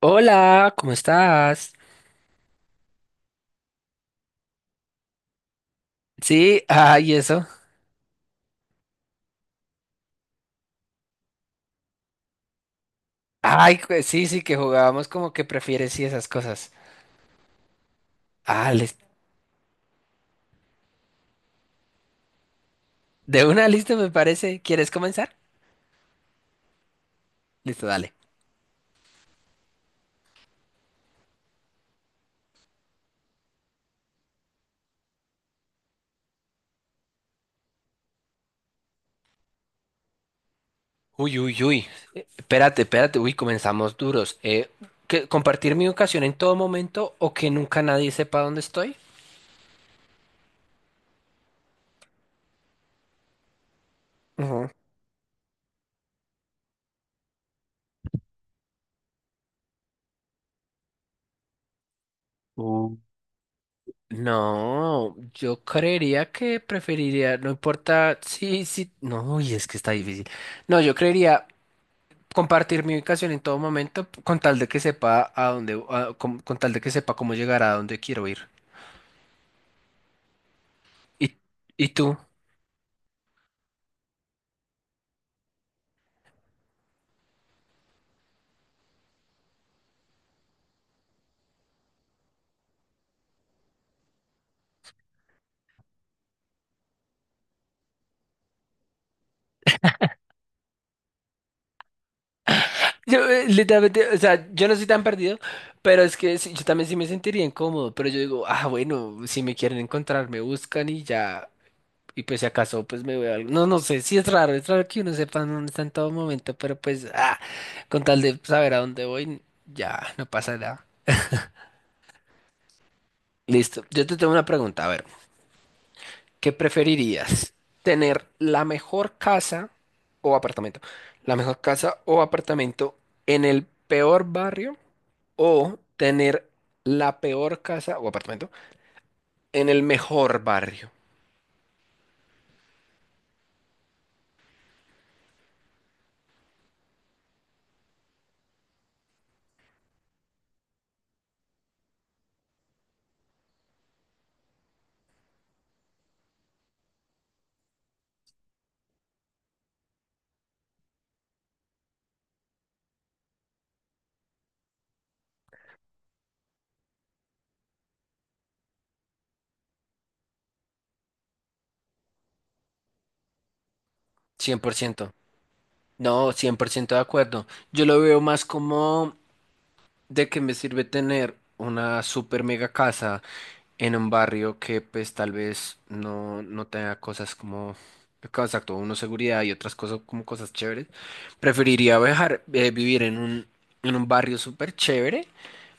Hola, ¿cómo estás? Sí, ay, eso. Ay, sí, sí, que jugábamos como que prefieres y esas cosas. Ah, lis- de una lista me parece. ¿Quieres comenzar? Listo, dale. Uy, uy, uy. Espérate, espérate. Uy, comenzamos duros. ¿Que compartir mi ubicación en todo momento o que nunca nadie sepa dónde estoy? Ujú. Uh, No, yo creería que preferiría, no importa, sí, sí, no, y es que está difícil. No, yo creería compartir mi ubicación en todo momento con tal de que sepa a dónde, con tal de que sepa cómo llegar a dónde quiero ir. ¿Y, y tú? Yo, literalmente, o sea, yo no soy tan perdido, pero es que sí, yo también sí me sentiría incómodo, pero yo digo, ah, bueno, si me quieren encontrar, me buscan y ya, y pues si acaso, pues me veo algo. No, no sé, sí es raro que uno sepa dónde está en todo momento, pero pues, ah, con tal de saber a dónde voy, ya, no pasa nada. Listo, yo te tengo una pregunta, a ver. ¿Qué preferirías? ¿Tener la mejor casa o apartamento? ¿La mejor casa o apartamento en el peor barrio o tener la peor casa o apartamento en el mejor barrio? 100%. No, 100% de acuerdo. Yo lo veo más como ¿de qué me sirve tener una super mega casa en un barrio que pues tal vez no tenga cosas como, exacto, uno seguridad y otras cosas como cosas chéveres? Preferiría viajar, vivir en un barrio súper chévere,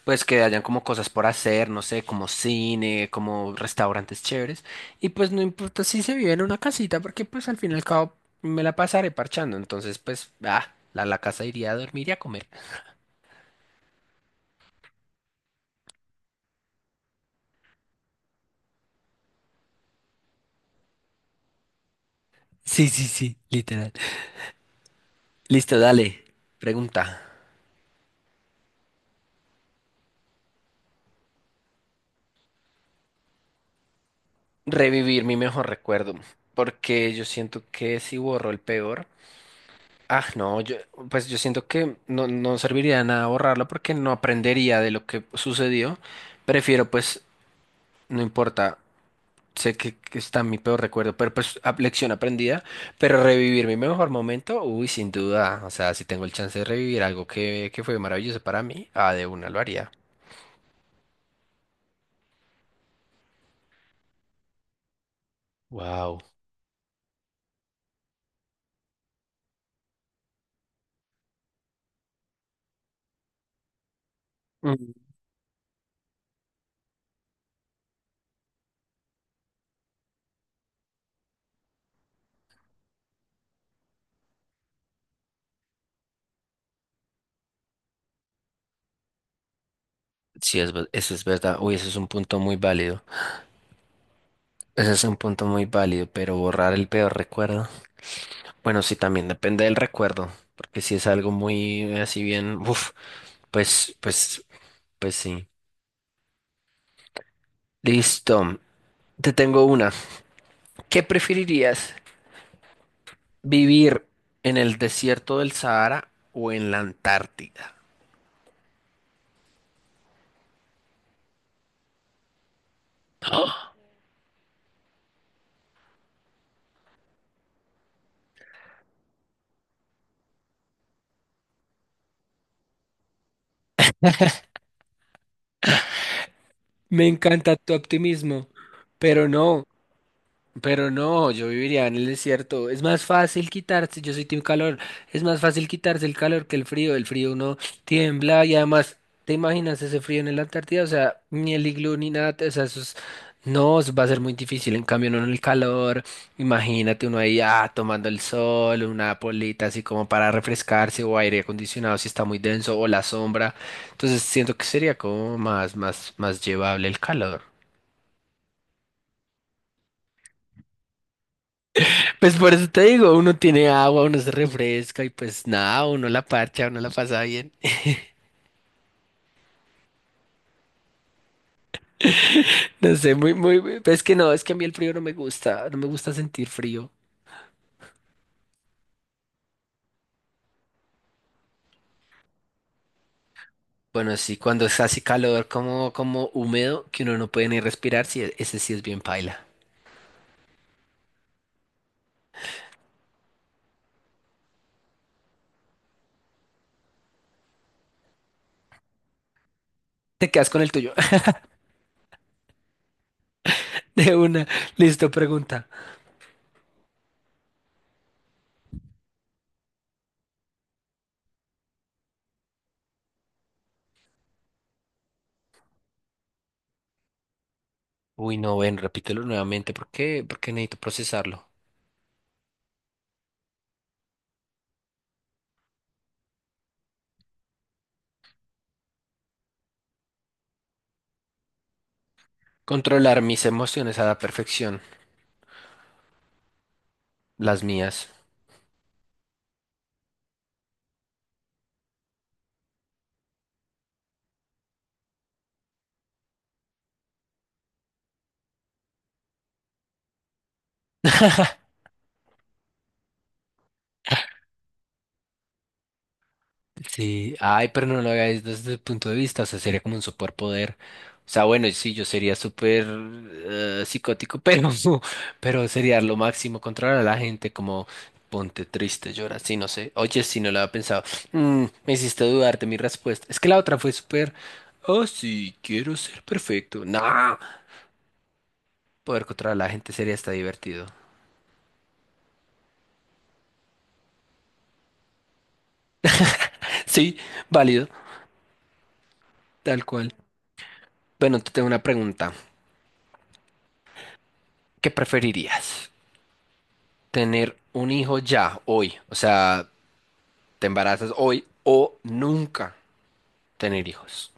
pues que hayan como cosas por hacer, no sé, como cine, como restaurantes chéveres. Y pues no importa si se vive en una casita, porque pues al fin y al cabo me la pasaré parchando. Entonces pues, ah, la casa iría a dormir y a comer. Sí, sí, sí, literal. Listo, dale. Pregunta. Revivir mi mejor recuerdo, porque yo siento que si borro el peor, ah, no, yo, pues yo siento que no, no serviría de nada borrarlo porque no aprendería de lo que sucedió. Prefiero, pues, no importa, sé que está mi peor recuerdo, pero pues lección aprendida, pero revivir mi mejor momento, uy, sin duda, o sea, si tengo el chance de revivir algo que fue maravilloso para mí, ah, de una lo haría. Wow. Mm. Sí, es, eso es verdad, uy, eso es un punto muy válido. Ese es un punto muy válido, pero borrar el peor recuerdo. Bueno, sí, también depende del recuerdo, porque si es algo muy así bien, uff, pues, pues, pues sí. Listo. Te tengo una. ¿Qué preferirías? ¿Vivir en el desierto del Sahara o en la Antártida? Me encanta tu optimismo, pero no. Pero no, yo viviría en el desierto. Es más fácil quitarse, yo soy team calor, es más fácil quitarse el calor que el frío. El frío uno tiembla y además, ¿te imaginas ese frío en la Antártida? O sea, ni el iglú ni nada, o sea, no, eso va a ser muy difícil. En cambio, no en el calor, imagínate uno ahí ah, tomando el sol, una polita así como para refrescarse o aire acondicionado si está muy denso o la sombra. Entonces siento que sería como más, más, más llevable el calor. Pues por eso te digo, uno tiene agua, uno se refresca y pues nada, uno la parcha, uno la pasa bien. No sé, pues es que no, es que a mí el frío no me gusta, no me gusta sentir frío. Bueno, sí, cuando es así calor como húmedo, que uno no puede ni respirar, sí, ese sí es bien paila. Te quedas con el tuyo. De una, listo, pregunta. Uy, no, ven, repítelo nuevamente, ¿por qué? Porque necesito procesarlo. Controlar mis emociones a la perfección, las mías. Sí, ay, pero no lo hagáis desde el punto de vista, o sea, sería como un superpoder. O sea, bueno, sí, yo sería súper psicótico, pero, pero sería lo máximo controlar a la gente, como ponte triste, llora, sí, no sé. Oye, sí, no lo había pensado. Mm, me hiciste dudar de mi respuesta. Es que la otra fue súper, oh, sí, quiero ser perfecto. No, poder controlar a la gente sería hasta divertido. Sí, válido, tal cual. Bueno, te tengo una pregunta. ¿Qué preferirías? Tener un hijo ya, hoy. O sea, te embarazas hoy o nunca tener hijos.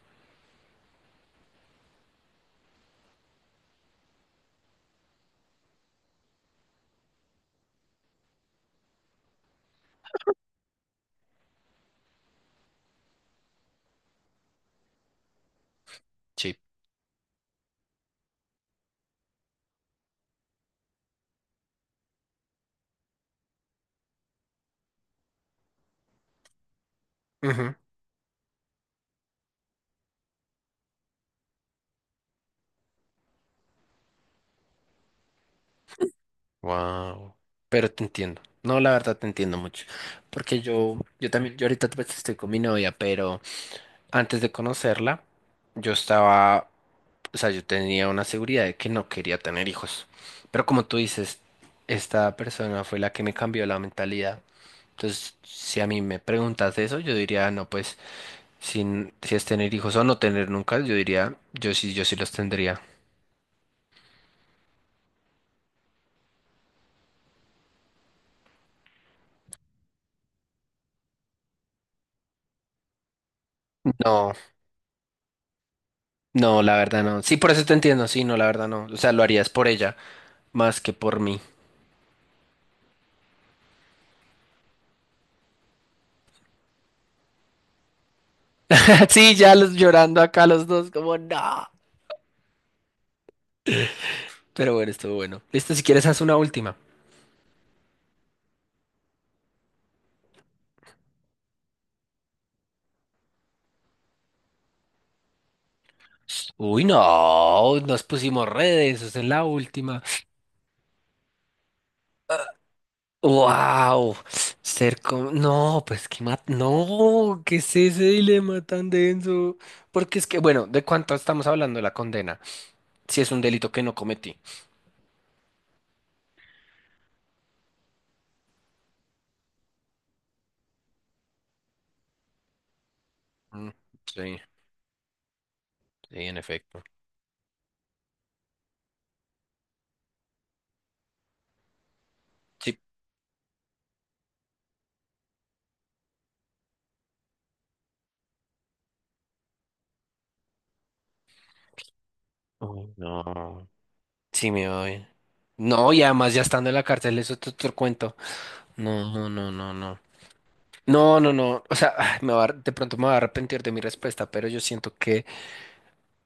Sí. Ujú. Wow. Pero te entiendo. No, la verdad te entiendo mucho. Porque yo también, yo ahorita pues, estoy con mi novia, pero antes de conocerla, yo estaba, o sea, yo tenía una seguridad de que no quería tener hijos. Pero como tú dices, esta persona fue la que me cambió la mentalidad. Entonces, si a mí me preguntas eso, yo diría, no, pues. Sin, si es tener hijos o no tener nunca, yo diría, yo sí, yo sí los tendría. No, no, la verdad no. Sí, por eso te entiendo, sí, no, la verdad no. O sea, lo harías por ella más que por mí. Sí, ya los llorando acá los dos, como no. Pero bueno, estuvo bueno. Listo, si quieres, haz una última. Uy, no, nos pusimos redes, esa es la última. Wow, no, pues no, ¿qué es ese dilema tan denso? Porque es que, bueno, ¿de cuánto estamos hablando de la condena? Si es un delito que no cometí. Mm. Sí, sí, en efecto. Sí. Uy, no. Sí, me voy. No, y además ya estando en la cárcel, eso es otro cuento. No, no, no, no, no. No, no, no. O sea, ah, me va a ar- de pronto me va a arrepentir de mi respuesta, pero yo siento que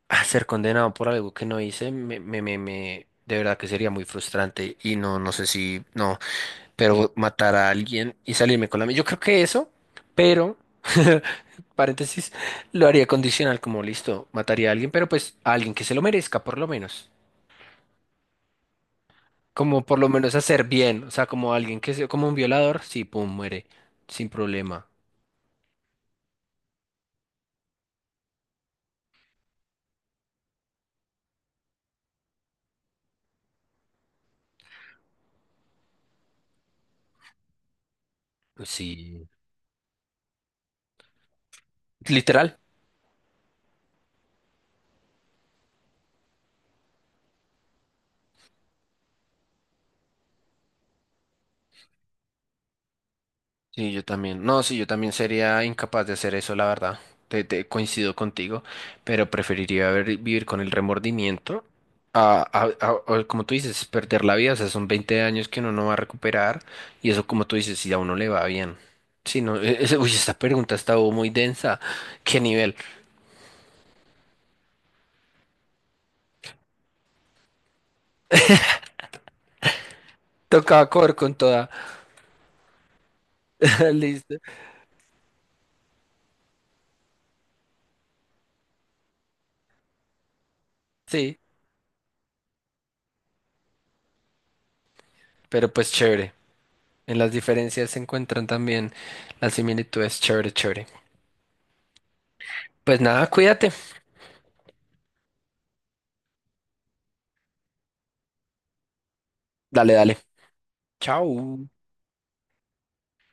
ah, ser condenado por algo que no hice, de verdad que sería muy frustrante. Y no, no sé si, no, pero matar a alguien y salirme con la mía. Yo creo que eso, pero paréntesis, lo haría condicional como listo, mataría a alguien, pero pues a alguien que se lo merezca por lo menos. Como por lo menos hacer bien, o sea, como alguien que se, como un violador, sí, pum, muere, sin problema. Sí, literal. Sí, yo también. No, sí, yo también sería incapaz de hacer eso, la verdad. Te coincido contigo, pero preferiría vivir con el remordimiento. Como tú dices, perder la vida, o sea, son 20 años que uno no va a recuperar y eso, como tú dices, si a uno le va bien. Sí, no, uy, esta pregunta estaba muy densa. ¿Qué nivel? Tocaba cover con toda. Listo. Sí, pero pues chévere. En las diferencias se encuentran también las similitudes. Chévere, chévere. Pues nada, cuídate. Dale, dale. Chao.